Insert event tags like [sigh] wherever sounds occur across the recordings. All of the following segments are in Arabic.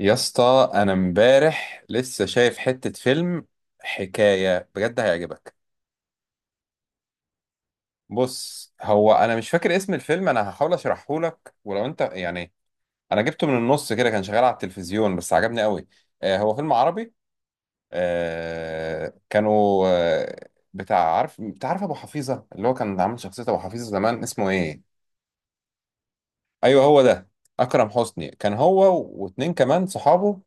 يا اسطى انا امبارح لسه شايف حتة فيلم، حكاية بجد هيعجبك. بص، هو انا مش فاكر اسم الفيلم، انا هحاول اشرحه لك ولو انت انا جبته من النص كده، كان شغال على التلفزيون بس عجبني قوي. آه، هو فيلم عربي. آه، كانوا بتاع عارف ابو حفيظة، اللي هو كان عامل شخصية ابو حفيظة زمان، اسمه ايه؟ ايوه هو ده. اكرم حسني، كان هو واتنين كمان صحابه،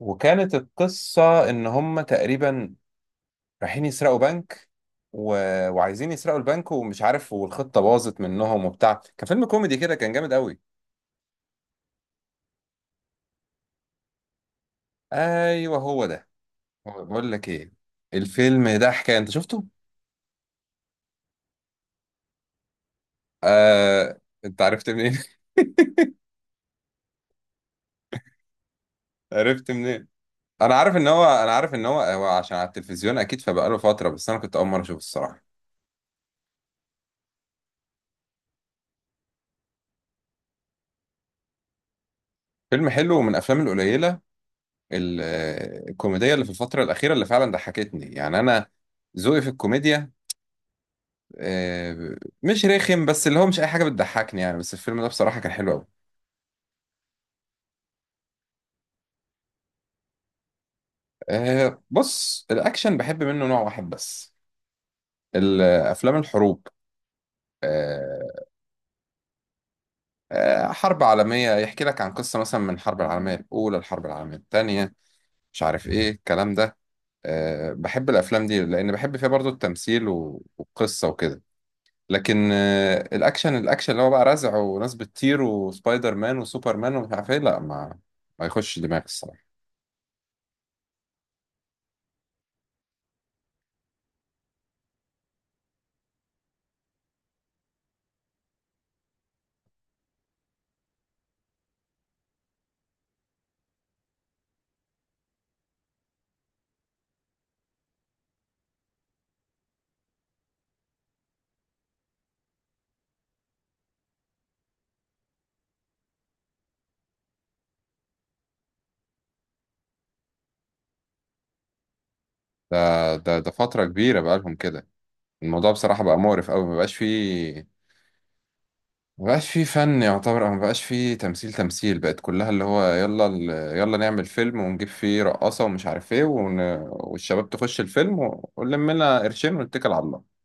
وكانت القصة ان هم تقريبا رايحين يسرقوا بنك و... وعايزين يسرقوا البنك ومش عارف، والخطة باظت منهم وبتاع، كان فيلم كوميدي كده، كان جامد قوي. ايوه هو ده. بقول لك ايه، الفيلم ده حكاية، انت شفته؟ انت عرفت منين؟ [laughs] عرفت منين؟ انا عارف ان هو انا عارف ان هو هو عشان على التلفزيون اكيد، فبقاله فترة بس انا كنت اول مرة اشوفه الصراحة. فيلم حلو ومن الافلام القليلة ال- الكوميدية اللي في الفترة الأخيرة اللي فعلا ضحكتني، يعني انا ذوقي في الكوميديا، آه، مش رخم، بس اللي هو مش اي حاجه بتضحكني يعني، بس الفيلم ده بصراحه كان حلو قوي. بص، الاكشن بحب منه نوع واحد بس، الافلام الحروب. آه، حرب عالميه، يحكي لك عن قصه مثلا من الحرب العالميه الاولى، الحرب العالميه الثانيه، مش عارف ايه الكلام ده. بحب الافلام دي لان بحب فيها برضو التمثيل والقصه وكده، لكن الاكشن، الاكشن اللي هو بقى رزع وناس بتطير وسبايدر مان وسوبر مان ومش عارف ايه، لا، ما ما يخش دماغي الصراحه. ده فترة كبيرة بقالهم كده. الموضوع بصراحة بقى مقرف أوي، مبقاش فيه مبقاش فيه فن يعتبر، أو مبقاش فيه تمثيل. تمثيل بقت كلها اللي هو يلا يلا نعمل فيلم ونجيب فيه رقاصة ومش عارف ايه والشباب تخش الفيلم ونلم لنا قرشين ونتكل على الله.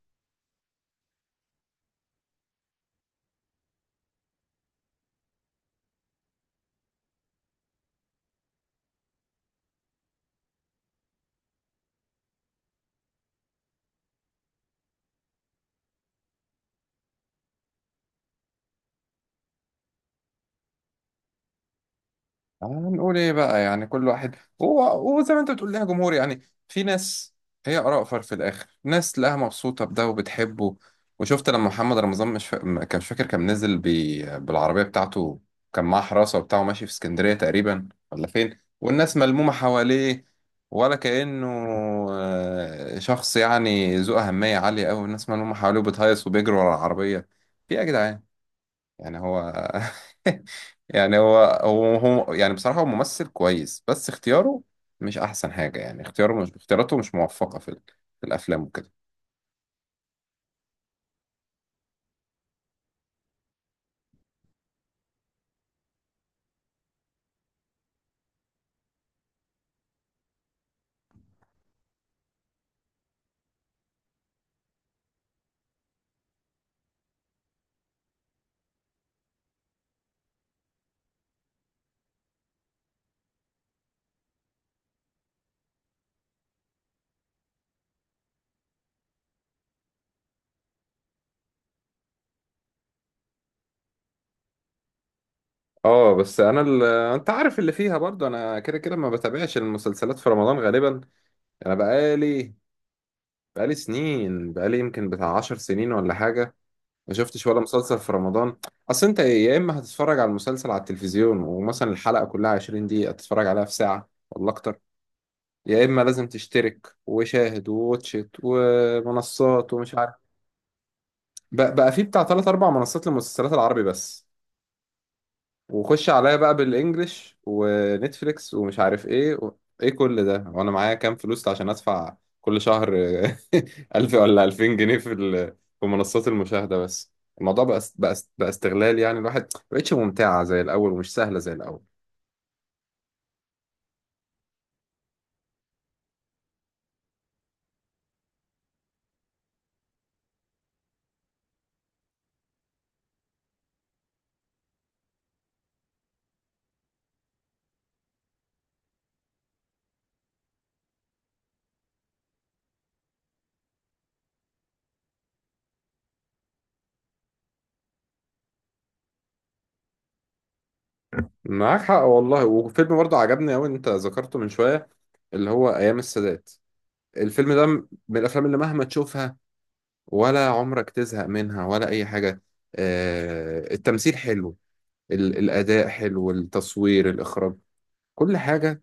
هنقول ايه بقى؟ يعني كل واحد، هو زي ما انت بتقول لها جمهور يعني، في ناس، هي اراء في الاخر ناس تلاقيها مبسوطه بده وبتحبه. وشفت لما محمد رمضان مش فا... م- كان مش فاكر كان نزل بالعربيه بتاعته، كان معاه حراسه وبتاعه ماشي في اسكندريه تقريبا ولا فين، والناس ملمومه حواليه ولا كانه شخص يعني ذو اهميه عاليه قوي، الناس ملمومه حواليه وبتهيص وبيجروا ورا العربيه. في ايه يا جدعان يعني هو؟ [laughs] يعني هو هو يعني بصراحة هو ممثل كويس، بس اختياره مش أحسن حاجة يعني، اختياره مش اختياراته مش موفقة في في الأفلام وكده. اه، بس انا انت عارف اللي فيها برضه، انا كده كده ما بتابعش المسلسلات في رمضان غالبا. انا بقالي بقالي سنين، بقالي يمكن بتاع عشر سنين ولا حاجه ما شفتش ولا مسلسل في رمضان. اصل انت يا اما هتتفرج على المسلسل على التلفزيون ومثلا الحلقه كلها 20 دقيقه تتفرج عليها في ساعه ولا اكتر، يا اما لازم تشترك وشاهد وواتشت ومنصات ومش عارف، بقى, بقى في بتاع ثلاث اربع منصات للمسلسلات العربي بس، وخش عليا بقى بالانجلش ونتفليكس ومش عارف ايه ايه كل ده وانا معايا كام فلوس عشان ادفع كل شهر؟ [laughs] 1000 ولا 2000 جنيه في في منصات المشاهدة بس. الموضوع بقى استغلال يعني، الواحد ما بقتش ممتعة زي الاول ومش سهلة زي الاول. معاك حق والله، وفيلم برضه عجبني قوي انت ذكرته من شوية، اللي هو ايام السادات. الفيلم ده من الافلام اللي مهما تشوفها ولا عمرك تزهق منها ولا اي حاجه. التمثيل حلو، الاداء حلو، التصوير، الاخراج، كل حاجه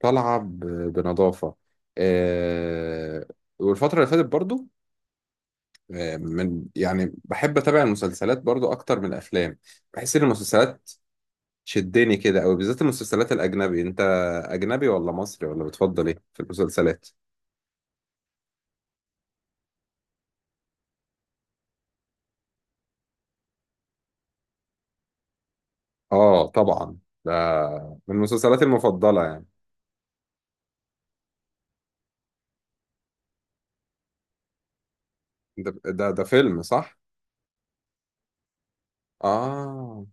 طالعه بنظافه. آه، والفتره اللي فاتت برضو من يعني بحب اتابع المسلسلات برضو اكتر من الافلام، بحس ان المسلسلات شدني كده، او بالذات المسلسلات الاجنبي. انت اجنبي ولا مصري ولا بتفضل ايه في المسلسلات؟ اه طبعا، ده من مسلسلاتي المفضلة يعني. ده فيلم صح؟ اه،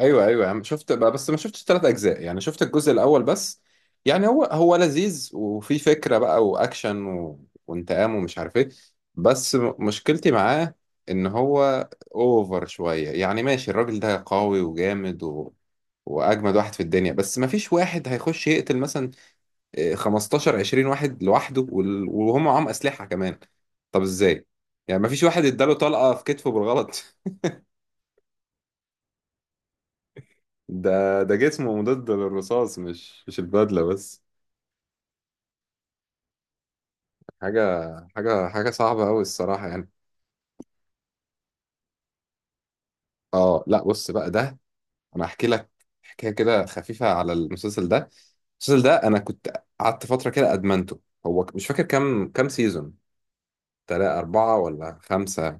ايوه ايوه، يعني شفت بقى بس ما شفتش ثلاث اجزاء، يعني شفت الجزء الاول بس. يعني هو لذيذ وفي فكرة بقى واكشن وانتقام ومش عارف ايه، بس مشكلتي معاه ان هو اوفر شوية، يعني ماشي الراجل ده قوي وجامد واجمد واحد في الدنيا، بس ما فيش واحد هيخش يقتل مثلا 15 20 واحد لوحده وهم معاهم اسلحه كمان. طب ازاي؟ يعني ما فيش واحد اداله طلقه في كتفه بالغلط؟ [laughs] ده جسمه مضاد للرصاص، مش البدله بس. حاجه حاجه صعبه قوي الصراحه يعني. اه، لا بص بقى ده، انا احكي لك حكايه كده خفيفه على المسلسل ده. المسلسل ده انا كنت قعدت فتره كده ادمنته، هو مش فاكر كام سيزون، تلاتة أربعة ولا خمسة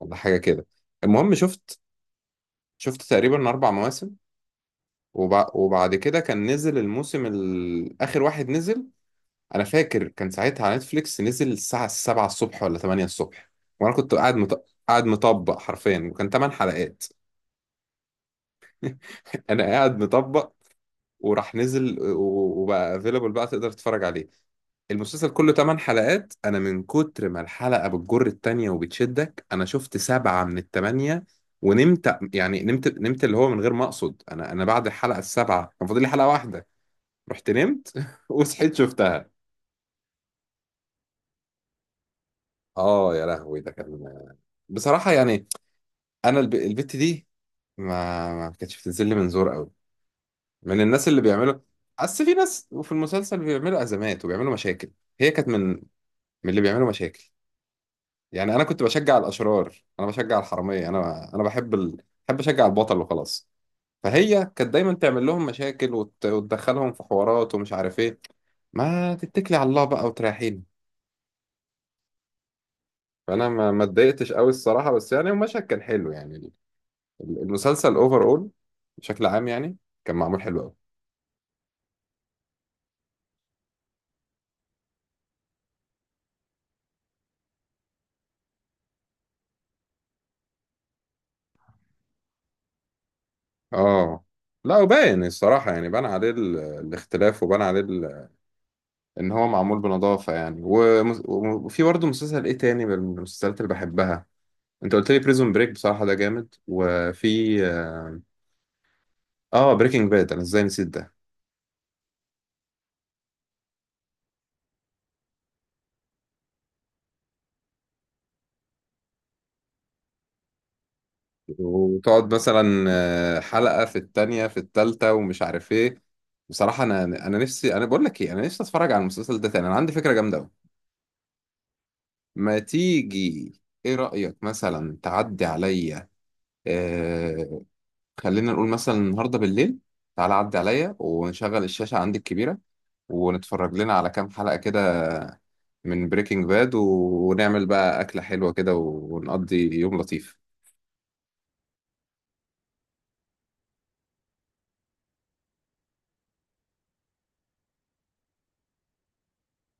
ولا حاجة كده. المهم شفت، شفت تقريبا أربع مواسم، وبعد كده كان نزل الموسم آخر واحد نزل، أنا فاكر كان ساعتها على نتفليكس نزل الساعة 7 الصبح ولا 8 الصبح، وأنا كنت قاعد مطبق حرفيا، وكان 8 حلقات. [laughs] أنا قاعد مطبق وراح نزل وبقى افيلبل بقى، تقدر تتفرج عليه. المسلسل كله 8 حلقات، أنا من كتر ما الحلقة بتجر التانية وبتشدك أنا شفت سبعة من التمانية ونمت، يعني نمت اللي هو من غير ما أقصد، أنا بعد الحلقة السابعة كان فاضل لي حلقة واحدة، رحت نمت [laughs] وصحيت شفتها. اه يا لهوي، ده كان بصراحة يعني، انا البت دي ما كانتش بتنزل لي من زور قوي، من الناس اللي بيعملوا، اصل في ناس وفي المسلسل بيعملوا ازمات وبيعملوا مشاكل، هي كانت من، من اللي بيعملوا مشاكل. يعني انا كنت بشجع الاشرار، انا بشجع الحرامية، انا بحب بحب اشجع البطل وخلاص. فهي كانت دايما تعمل لهم مشاكل وتدخلهم في حوارات ومش عارف ايه، ما تتكلي على الله بقى وتريحيني. فانا ما اتضايقتش قوي الصراحه، بس يعني المشهد كان حلو يعني. المسلسل اوفر اول بشكل عام يعني، كان معمول حلو قوي. اه لا، وباين الصراحه يعني، بان عليه الاختلاف، وبان عليه ان هو معمول بنظافه يعني. وفي برضه مسلسل ايه تاني من المسلسلات اللي بحبها، انت قلت لي بريزون بريك، بصراحه ده جامد. وفي اه، بريكنج باد، انا ازاي نسيت ده؟ وتقعد مثلا حلقة في التانية في التالتة ومش عارف ايه. بصراحة انا انا نفسي، انا بقول لك ايه، انا نفسي اتفرج على المسلسل ده تاني، انا عندي فكرة جامدة قوي. ما تيجي، ايه رأيك مثلا تعدي عليا، آه، خلينا نقول مثلا النهاردة بالليل، تعالى عدي عليا ونشغل الشاشة عندي الكبيرة ونتفرج لنا على كام حلقة كده من بريكنج باد، ونعمل بقى أكلة حلوة كده، ونقضي يوم لطيف.